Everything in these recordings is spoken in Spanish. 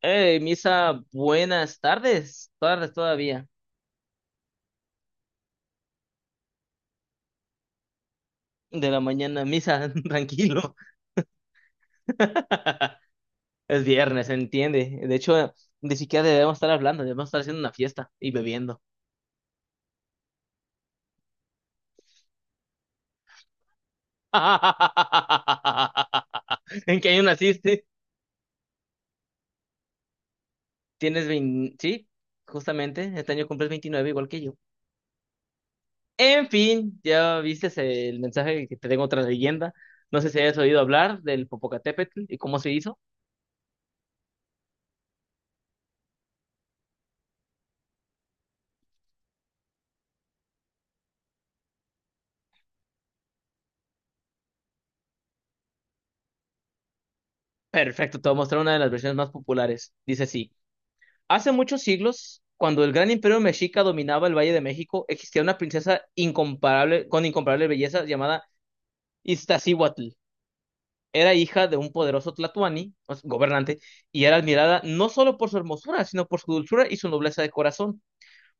Hey, Misa, buenas tardes, tardes todavía, de la mañana, Misa, tranquilo. Es viernes, entiende. De hecho, ni siquiera debemos estar hablando, debemos estar haciendo una fiesta y bebiendo. ¿En qué año naciste? Tienes 20, sí, justamente, este año cumples 29 igual que yo. En fin, ya viste el mensaje que te tengo otra leyenda. No sé si hayas oído hablar del Popocatépetl y cómo se hizo. Perfecto, te voy a mostrar una de las versiones más populares. Dice así. Hace muchos siglos, cuando el gran imperio mexica dominaba el Valle de México, existía una princesa incomparable, con incomparable belleza llamada Iztaccíhuatl. Era hija de un poderoso tlatoani, o sea, gobernante, y era admirada no solo por su hermosura, sino por su dulzura y su nobleza de corazón.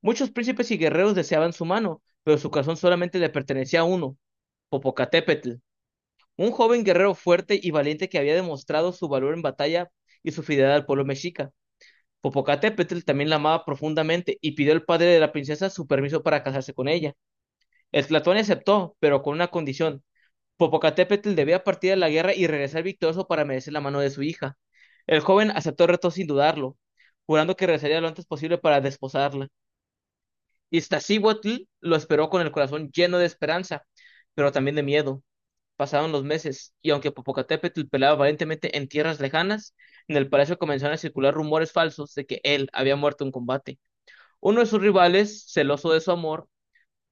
Muchos príncipes y guerreros deseaban su mano, pero su corazón solamente le pertenecía a uno, Popocatépetl, un joven guerrero fuerte y valiente que había demostrado su valor en batalla y su fidelidad al pueblo mexica. Popocatépetl también la amaba profundamente y pidió al padre de la princesa su permiso para casarse con ella. El Tlatoani aceptó, pero con una condición. Popocatépetl debía partir a la guerra y regresar victorioso para merecer la mano de su hija. El joven aceptó el reto sin dudarlo, jurando que regresaría lo antes posible para desposarla. Iztaccíhuatl lo esperó con el corazón lleno de esperanza, pero también de miedo. Pasaron los meses, y aunque Popocatépetl peleaba valientemente en tierras lejanas, en el palacio comenzaron a circular rumores falsos de que él había muerto en combate. Uno de sus rivales, celoso de su amor,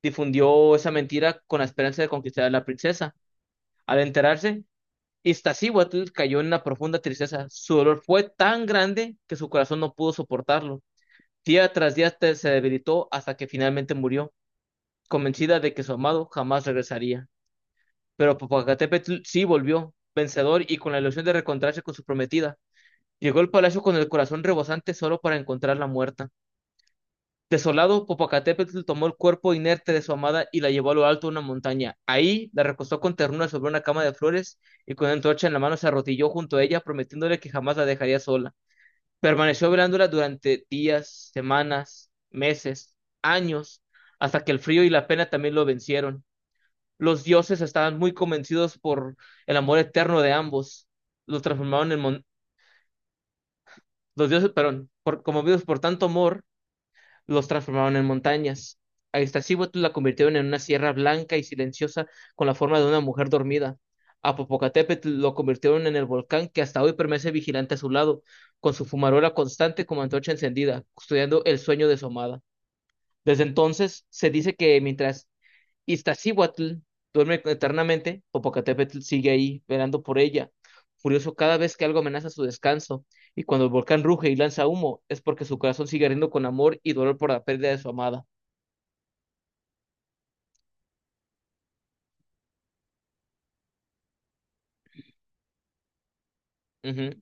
difundió esa mentira con la esperanza de conquistar a la princesa. Al enterarse, Iztaccíhuatl cayó en una profunda tristeza. Su dolor fue tan grande que su corazón no pudo soportarlo. Día tras día se debilitó hasta que finalmente murió, convencida de que su amado jamás regresaría. Pero Popocatépetl sí volvió, vencedor y con la ilusión de reencontrarse con su prometida. Llegó al palacio con el corazón rebosante solo para encontrarla muerta. Desolado, Popocatépetl tomó el cuerpo inerte de su amada y la llevó a lo alto de una montaña. Ahí la recostó con ternura sobre una cama de flores y con una antorcha en la mano se arrodilló junto a ella, prometiéndole que jamás la dejaría sola. Permaneció velándola durante días, semanas, meses, años, hasta que el frío y la pena también lo vencieron. Los dioses estaban muy convencidos por el amor eterno de ambos. Los transformaron en mon- los dioses, perdón, conmovidos por tanto amor los transformaron en montañas. A Iztaccíhuatl la convirtieron en una sierra blanca y silenciosa con la forma de una mujer dormida. A Popocatépetl lo convirtieron en el volcán que hasta hoy permanece vigilante a su lado, con su fumarola constante como antorcha encendida, custodiando el sueño de su amada. Desde entonces, se dice que mientras Iztaccíhuatl duerme eternamente, Popocatépetl sigue ahí, velando por ella, furioso cada vez que algo amenaza su descanso, y cuando el volcán ruge y lanza humo, es porque su corazón sigue ardiendo con amor y dolor por la pérdida de su amada. Ujú.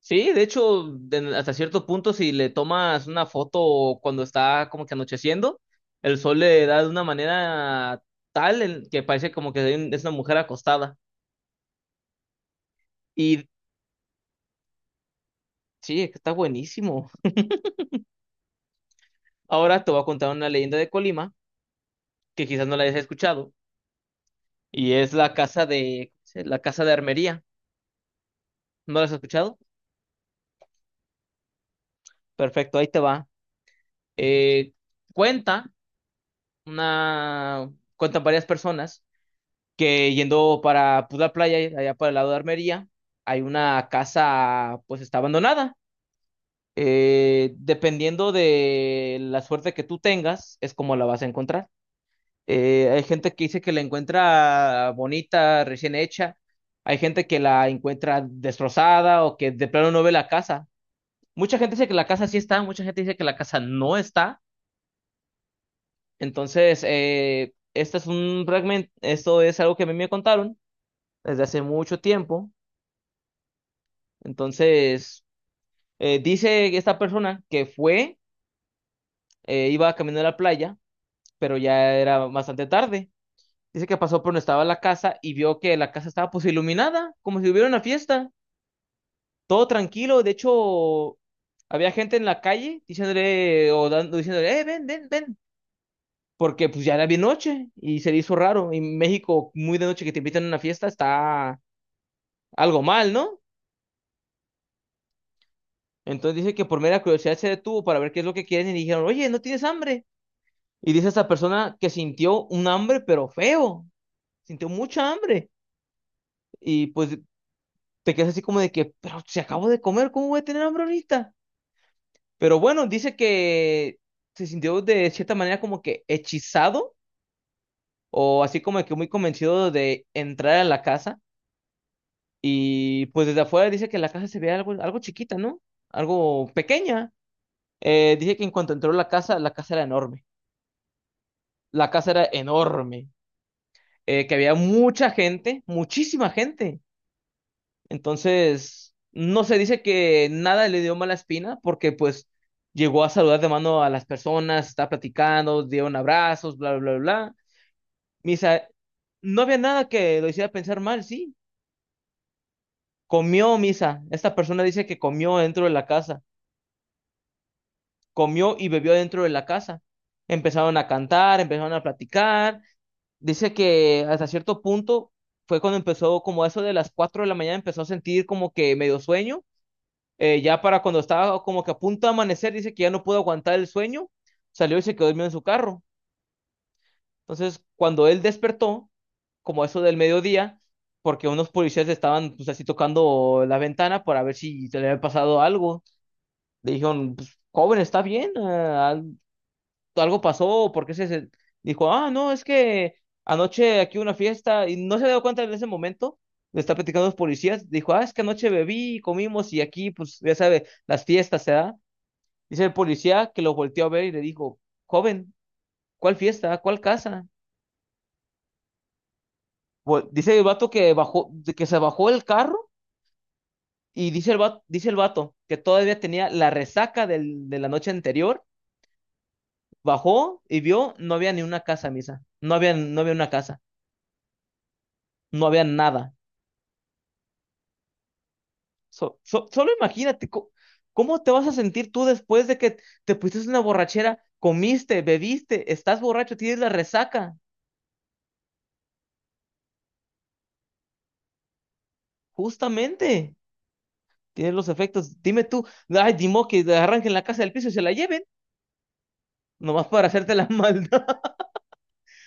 Sí, de hecho, hasta cierto punto, si le tomas una foto cuando está como que anocheciendo, el sol le da de una manera tal en que parece como que es una mujer acostada. Y sí, está buenísimo. Ahora te voy a contar una leyenda de Colima que quizás no la hayas escuchado. Y es la la casa de armería. ¿No la has escuchado? Perfecto, ahí te va. Eh, cuenta una, Cuentan varias personas que yendo para pues, playa, allá para el lado de armería, hay una casa, pues está abandonada. Dependiendo de la suerte que tú tengas, es como la vas a encontrar. Hay gente que dice que la encuentra bonita, recién hecha. Hay gente que la encuentra destrozada o que de plano no ve la casa. Mucha gente dice que la casa sí está, mucha gente dice que la casa no está. Entonces, este es un fragmento, esto es algo que a mí me contaron desde hace mucho tiempo. Entonces, dice esta persona que fue, iba camino a la playa, pero ya era bastante tarde. Dice que pasó por donde estaba la casa y vio que la casa estaba pues iluminada, como si hubiera una fiesta, todo tranquilo. De hecho, había gente en la calle diciéndole o dando, diciéndole, ven, ven, ven, porque pues ya era bien noche y se le hizo raro. En México, muy de noche que te invitan a una fiesta está algo mal, ¿no? Entonces dice que por mera curiosidad se detuvo para ver qué es lo que quieren y dijeron, oye, ¿no tienes hambre? Y dice esta persona que sintió un hambre, pero feo, sintió mucha hambre. Y pues te quedas así como de que, pero si acabo de comer, ¿cómo voy a tener hambre ahorita? Pero bueno, dice que se sintió de cierta manera como que hechizado o así como que muy convencido de entrar a la casa. Y pues desde afuera dice que la casa se ve algo, algo chiquita, ¿no? Algo pequeña. Dice que en cuanto entró la casa era enorme. La casa era enorme. Que había mucha gente, muchísima gente. Entonces, no se dice que nada le dio mala espina porque pues llegó a saludar de mano a las personas, está platicando, dieron abrazos, bla, bla, bla. Misa, no había nada que lo hiciera pensar mal, sí. Comió, Misa. Esta persona dice que comió dentro de la casa, comió y bebió dentro de la casa. Empezaron a cantar, empezaron a platicar. Dice que hasta cierto punto fue cuando empezó, como eso de las 4 de la mañana, empezó a sentir como que medio sueño. Ya para cuando estaba como que a punto de amanecer, dice que ya no pudo aguantar el sueño, salió y se quedó dormido en su carro. Entonces, cuando él despertó, como eso del mediodía, porque unos policías estaban pues así tocando la ventana para ver si se le había pasado algo. Le dijeron, pues, joven, ¿está bien?, ah, ¿algo pasó?, o por qué dijo, ah, no, es que anoche aquí hubo una fiesta, y no se dio cuenta en ese momento. Le está platicando a los policías, dijo, ah, es que anoche bebí y comimos y aquí, pues, ya sabe, las fiestas se da. Dice el policía que lo volteó a ver y le dijo, joven, ¿cuál fiesta? ¿Cuál casa? Dice el vato que bajó, de que se bajó el carro, y dice el vato que todavía tenía la resaca de la noche anterior, bajó y vio, no había ni una casa, misa, no había, no había una casa, no había nada. Solo imagínate cómo te vas a sentir tú después de que te pusiste una borrachera, comiste, bebiste, estás borracho, tienes la resaca, justamente, tienes los efectos. Dime tú, ay, dimo que la arranquen la casa del piso y se la lleven, nomás para hacerte la maldad,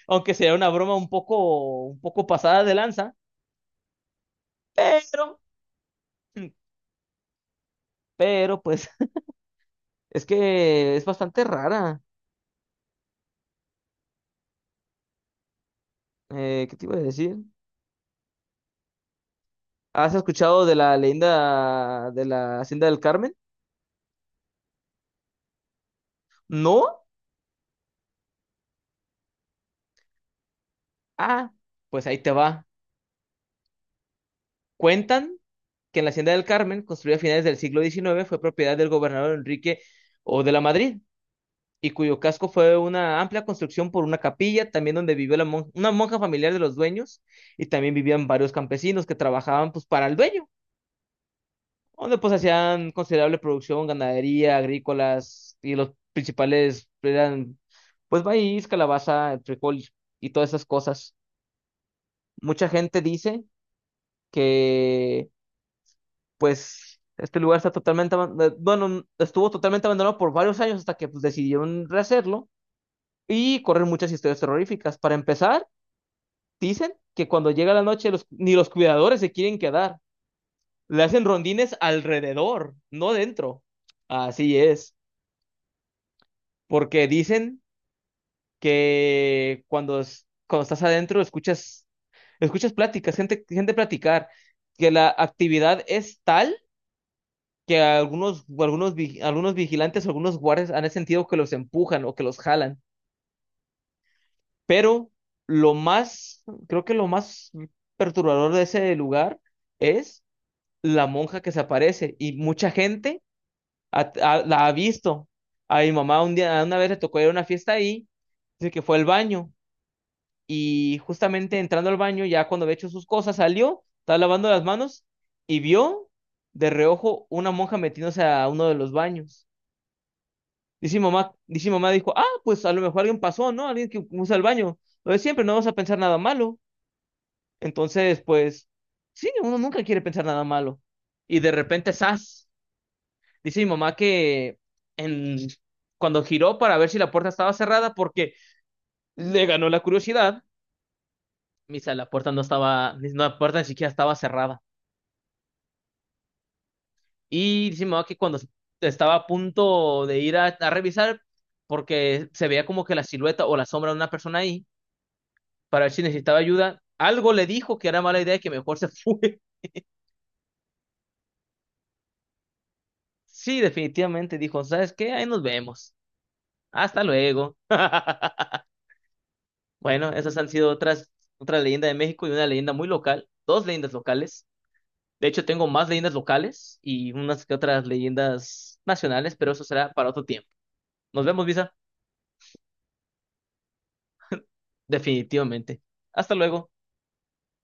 aunque sea una broma un poco pasada de lanza, pero, pero, pues es que es bastante rara. ¿Qué te iba a decir? ¿Has escuchado de la leyenda de la Hacienda del Carmen? No, ah, pues ahí te va. Cuentan que en la Hacienda del Carmen, construida a finales del siglo XIX, fue propiedad del gobernador Enrique O de la Madrid, y cuyo casco fue una amplia construcción por una capilla, también donde vivió una monja familiar de los dueños, y también vivían varios campesinos que trabajaban pues para el dueño, donde pues hacían considerable producción, ganadería, agrícolas, y los principales eran pues maíz, calabaza, frijol y todas esas cosas. Mucha gente dice que pues este lugar está totalmente, bueno, estuvo totalmente abandonado por varios años hasta que pues, decidieron rehacerlo y correr muchas historias terroríficas. Para empezar, dicen que cuando llega la noche ni los cuidadores se quieren quedar, le hacen rondines alrededor, no dentro. Así es, porque dicen que cuando, cuando estás adentro escuchas pláticas, gente platicar, que la actividad es tal que algunos vigilantes, algunos guardias han sentido que los empujan o que los jalan. Pero lo más, creo que lo más perturbador de ese lugar es la monja que se aparece, y mucha gente la ha visto. A mi mamá un día, una vez le tocó ir a una fiesta ahí, dice que fue al baño, y justamente entrando al baño, ya cuando había hecho sus cosas, salió, estaba lavando las manos y vio de reojo una monja metiéndose a uno de los baños. Dice mi mamá, dijo, ah, pues a lo mejor alguien pasó, ¿no? Alguien que usa el baño. Lo de siempre, no vamos a pensar nada malo. Entonces, pues, sí, uno nunca quiere pensar nada malo. Y de repente, ¡zas! Dice mi mamá que en, cuando giró para ver si la puerta estaba cerrada, porque le ganó la curiosidad, misa, la puerta no estaba, no, la puerta ni siquiera estaba cerrada. Y dice mi mamá que cuando estaba a punto de ir a revisar, porque se veía como que la silueta o la sombra de una persona ahí, para ver si necesitaba ayuda. Algo le dijo que era mala idea y que mejor se fue. Sí, definitivamente dijo, ¿sabes qué? Ahí nos vemos. Hasta luego. Bueno, esas han sido otra leyenda de México, y una leyenda muy local, dos leyendas locales. De hecho, tengo más leyendas locales y unas que otras leyendas nacionales, pero eso será para otro tiempo. Nos vemos, Visa. Definitivamente. Hasta luego.